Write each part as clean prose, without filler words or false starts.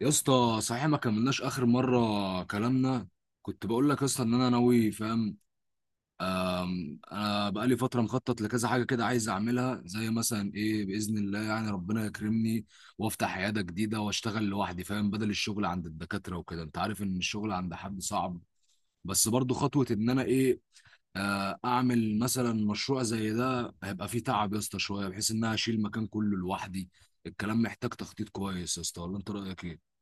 يا اسطى، صحيح ما كملناش اخر مره كلامنا. كنت بقول لك يا اسطى ان انا ناوي، فاهم؟ انا بقالي فتره مخطط لكذا حاجه كده، عايز اعملها. زي مثلا ايه؟ باذن الله يعني ربنا يكرمني وافتح عياده جديده واشتغل لوحدي، فاهم؟ بدل الشغل عند الدكاتره وكده. انت عارف ان الشغل عند حد صعب، بس برضو خطوه ان انا ايه، اعمل مثلا مشروع زي ده. هيبقى فيه تعب يا اسطى شويه، بحيث ان انا اشيل المكان كله لوحدي. الكلام محتاج تخطيط كويس يا اسطى، ولا انت رايك ايه؟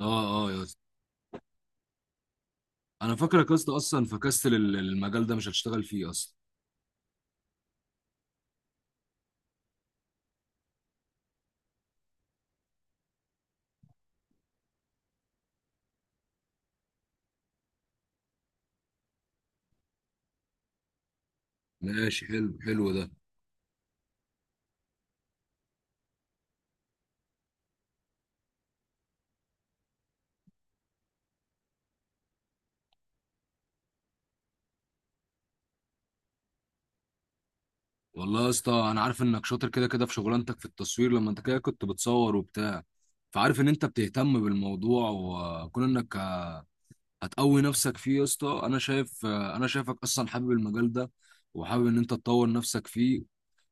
اه اه يا اسطى. انا فاكرك يا اسطى، اصلا فكستل المجال ده مش هتشتغل فيه اصلا. ماشي حلو، حلو ده. والله يا اسطى، انا عارف انك شاطر كده كده في شغلانتك في التصوير، لما انت كده كنت بتصور وبتاع. فعارف ان انت بتهتم بالموضوع، وكون انك هتقوي نفسك فيه يا اسطى، انا شايف، انا شايفك اصلا حابب المجال ده، وحابب ان انت تطور نفسك فيه،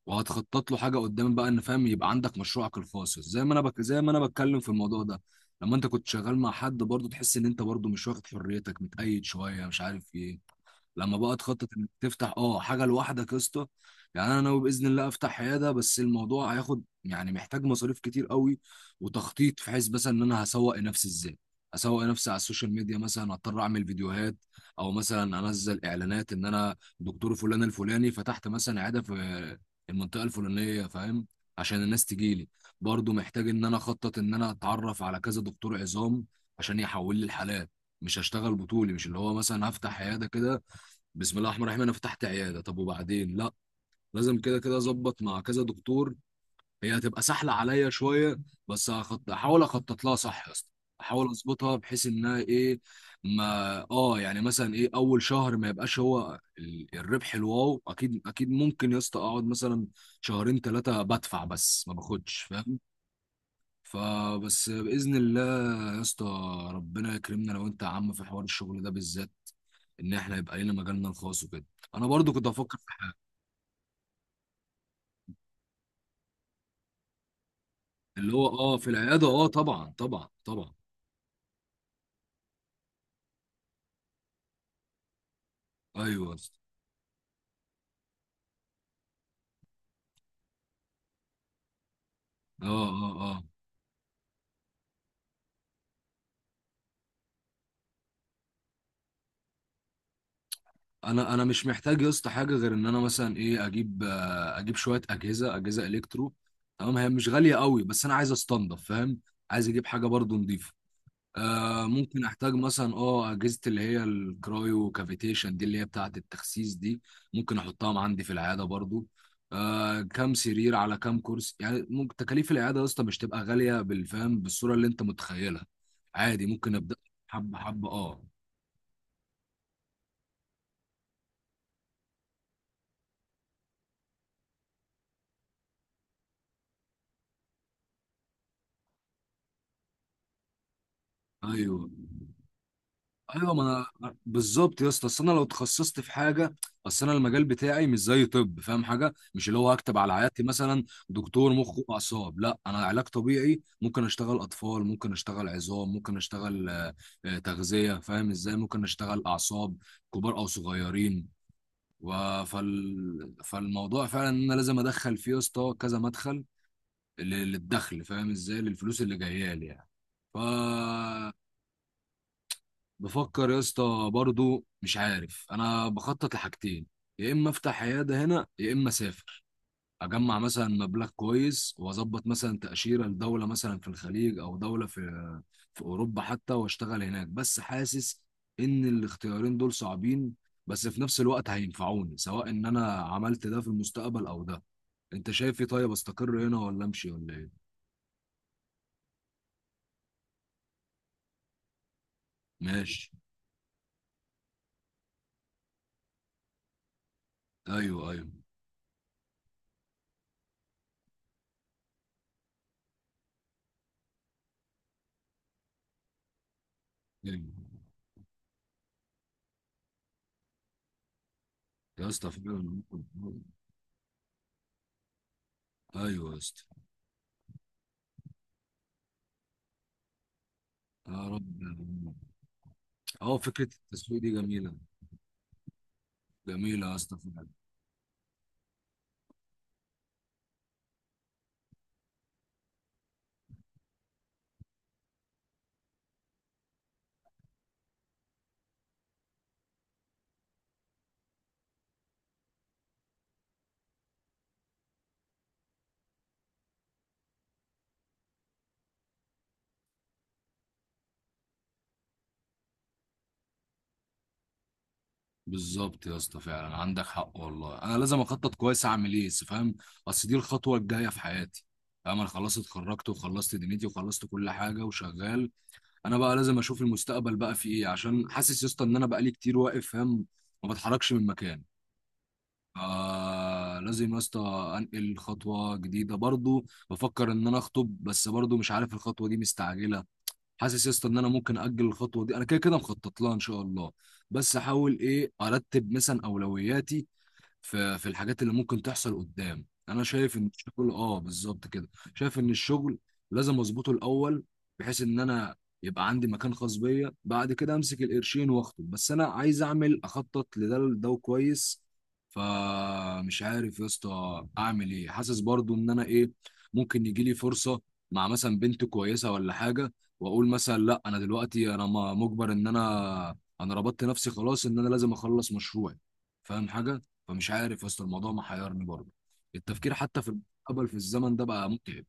وهتخطط له حاجه قدام بقى، ان فاهم يبقى عندك مشروعك الخاص. زي ما انا زي ما انا بتكلم في الموضوع ده، لما انت كنت شغال مع حد برضه تحس ان انت برضه مش واخد حريتك، متقيد شويه، مش عارف ايه. لما بقى تخطط انك تفتح اه حاجه لوحدك يا اسطى. يعني انا ناوي باذن الله افتح عياده، بس الموضوع هياخد يعني محتاج مصاريف كتير قوي، وتخطيط في حيث مثلا ان انا هسوق نفسي ازاي. اسوق نفسي على السوشيال ميديا، مثلا اضطر اعمل فيديوهات، او مثلا انزل اعلانات ان انا دكتور فلان الفلاني، فتحت مثلا عياده في المنطقه الفلانيه، فاهم؟ عشان الناس تجيلي. برضو محتاج ان انا اخطط ان انا اتعرف على كذا دكتور عظام عشان يحول لي الحالات. مش هشتغل بطولي، مش اللي هو مثلا هفتح عياده كده بسم الله الرحمن الرحيم انا فتحت عياده طب وبعدين لا. لازم كده كده اظبط مع كذا دكتور، هي هتبقى سهله عليا شويه. بس احاول اخطط لها صح يا اسطى، احاول اظبطها بحيث انها ايه. ما اه، يعني مثلا ايه، اول شهر ما يبقاش هو الربح الواو، اكيد اكيد ممكن يا اسطى اقعد مثلا شهرين ثلاثه بدفع بس ما باخدش، فاهم؟ فبس باذن الله يا اسطى ربنا يكرمنا. لو انت يا عم في حوار الشغل ده بالذات، ان احنا يبقى لنا مجالنا الخاص وكده، انا برضو كنت افكر في حاجه. اللي هو اه في العياده، اه طبعا طبعا طبعا. ايوه يا اسطى. اه اه اه. انا مش محتاج يا اسطى حاجه غير ان انا مثلا ايه اجيب، اجيب شويه اجهزه، اجهزه الكترو، تمام؟ هي مش غاليه قوي، بس انا عايز استنضف، فاهم؟ عايز اجيب حاجه برضو نضيفه. آه ممكن احتاج مثلا اه اجهزه اللي هي الكرايو كافيتيشن دي، اللي هي بتاعه التخسيس دي، ممكن احطها عندي في العياده برضو. آه، كام سرير على كام كرسي يعني، ممكن تكاليف العياده يا اسطى مش تبقى غاليه بالفهم بالصوره اللي انت متخيلها. عادي ممكن ابدا. حبه حبه اه. ايوه ايوه ما انا بالظبط يا اسطى. اصل انا لو اتخصصت في حاجه، اصل انا المجال بتاعي مش زي طب، فاهم حاجه؟ مش اللي هو هكتب على عيادتي مثلا دكتور مخ واعصاب. لا، انا علاج طبيعي، ممكن اشتغل اطفال، ممكن اشتغل عظام، ممكن اشتغل تغذيه، فاهم ازاي؟ ممكن اشتغل اعصاب كبار او صغيرين، فالموضوع فعلا ان انا لازم ادخل فيه يا اسطى كذا مدخل، للدخل، فاهم ازاي، للفلوس اللي جايه لي يعني. ف، بفكر يا اسطى برضو، مش عارف، انا بخطط لحاجتين: يا اما افتح عياده هنا، يا اما اسافر، اجمع مثلا مبلغ كويس واظبط مثلا تاشيره لدوله مثلا في الخليج او دوله في في اوروبا حتى، واشتغل هناك. بس حاسس ان الاختيارين دول صعبين، بس في نفس الوقت هينفعوني سواء ان انا عملت ده في المستقبل او ده. انت شايف ايه، طيب استقر هنا ولا امشي ولا ايه؟ ماشي. ايوه ايوه. أيوة. يا اسطى فعلا. ايوه يا اسطى. يا رب، يا رب. اه، فكرة التسويق دي جميلة. جميلة يا اسطى فعلا. بالظبط يا اسطى، فعلا عندك حق والله. انا لازم اخطط كويس اعمل ايه، بس فاهم، اصل دي الخطوة الجاية في حياتي. فاهم، انا خلاص اتخرجت وخلصت دنيتي وخلصت كل حاجة وشغال. انا بقى لازم اشوف المستقبل بقى في ايه، عشان حاسس يا اسطى ان انا بقالي كتير واقف، فاهم، ما بتحركش من مكان. آه، لازم يا اسطى انقل خطوة جديدة. برضو بفكر ان انا اخطب، بس برضو مش عارف الخطوة دي مستعجلة. حاسس يا اسطى ان انا ممكن اجل الخطوه دي، انا كده كده مخطط لها ان شاء الله. بس احاول ايه ارتب مثلا اولوياتي في في الحاجات اللي ممكن تحصل قدام. انا شايف ان الشغل اه بالظبط كده، شايف ان الشغل لازم اظبطه الاول، بحيث ان انا يبقى عندي مكان خاص بيا، بعد كده امسك القرشين واخطب. بس انا عايز اعمل، اخطط لده لده كويس. فمش عارف يا اسطى اعمل ايه، حاسس برضو ان انا ايه، ممكن يجي لي فرصة مع مثلا بنت كويسة ولا حاجة، واقول مثلا لا، انا دلوقتي انا مجبر، ان انا ربطت نفسي خلاص، ان انا لازم اخلص مشروعي، فاهم حاجة؟ فمش عارف يا اسطى، الموضوع محيرني برضه. التفكير حتى في المستقبل في الزمن ده بقى متعب.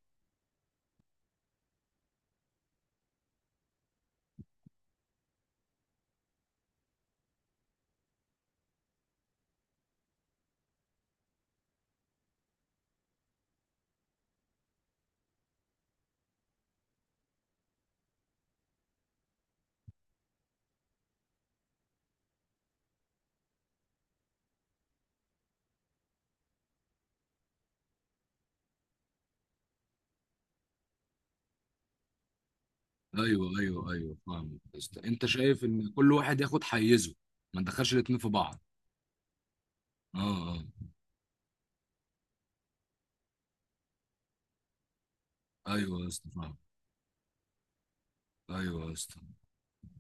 ايوه ايوه ايوه، فاهم يا اسطى. انت شايف ان كل واحد ياخد حيزه، ما ندخلش الاتنين في بعض. اه. اه ايوه يا اسطى، فاهم. ايوه يا اسطى.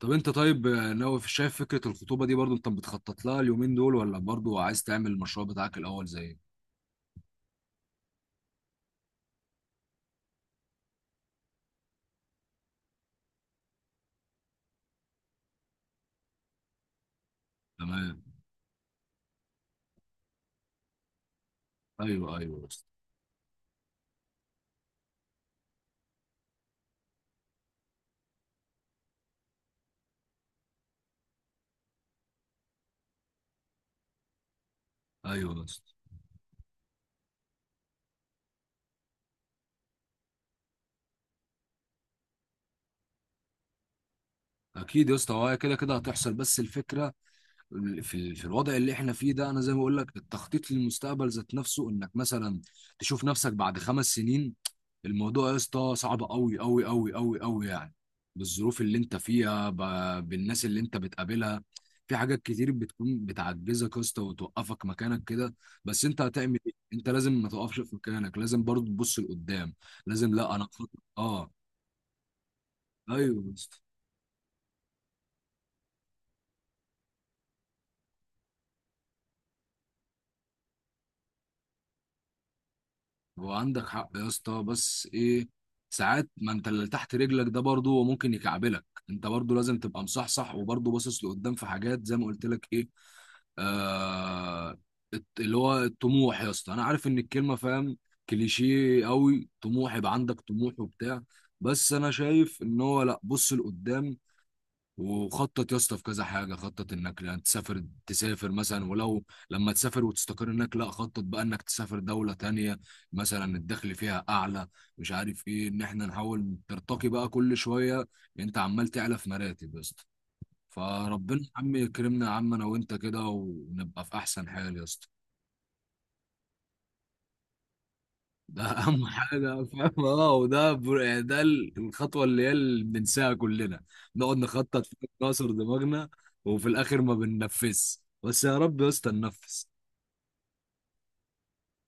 طب انت طيب، ناوي شايف فكره الخطوبه دي برضو انت بتخطط لها اليومين دول، ولا برضو عايز تعمل المشروع بتاعك الاول زي؟ تمام. ايوه ايوه يا اسطى. ايوه يا اسطى. اكيد يا اسطى، هو هي كده كده هتحصل، بس الفكره في في الوضع اللي احنا فيه ده، انا زي ما بقول لك التخطيط للمستقبل ذات نفسه، انك مثلا تشوف نفسك بعد 5 سنين، الموضوع يا اسطى صعب قوي قوي قوي قوي قوي يعني. بالظروف اللي انت فيها، بالناس اللي انت بتقابلها، في حاجات كتير بتكون بتعجزك يا اسطى وتوقفك مكانك كده. بس انت هتعمل ايه، انت لازم ما تقفش في مكانك، لازم برضه تبص لقدام. لازم، لا انا اه ايوه. هو عندك حق يا اسطى، بس ايه، ساعات ما انت اللي تحت رجلك ده برضه هو ممكن يكعبلك. انت برضه لازم تبقى مصحصح وبرضه باصص لقدام في حاجات، زي ما قلت لك ايه، آه اللي هو الطموح يا اسطى. انا عارف ان الكلمه فاهم كليشيه قوي، طموح يبقى عندك طموح وبتاع، بس انا شايف ان هو لا، بص لقدام وخطط يا اسطى في كذا حاجه. خطط انك لا تسافر، تسافر مثلا، ولو لما تسافر وتستقر هناك لا، خطط بقى انك تسافر دوله تانية مثلا الدخل فيها اعلى، مش عارف ايه. ان احنا نحاول ترتقي بقى كل شويه، انت عمال تعلى في مراتب يا اسطى. فربنا يا عم يكرمنا يا عم، انا وانت كده، ونبقى في احسن حال يا اسطى. ده اهم حاجه، فاهم؟ اه، وده يعني ده الخطوه اللي هي اللي بننساها كلنا، نقعد نخطط في ناصر دماغنا، وفي الاخر ما بننفذش، بس يا رب يا اسطى ننفذ.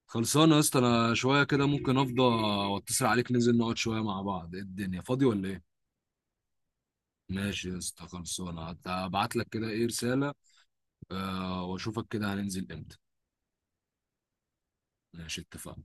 خلصانه يا اسطى. انا شويه كده ممكن افضى واتصل عليك، ننزل نقعد شويه مع بعض. إيه الدنيا، فاضي ولا ايه؟ ماشي يا اسطى، خلصانه. هبعت لك كده ايه رساله، آه، واشوفك كده هننزل امتى. ماشي، اتفقنا.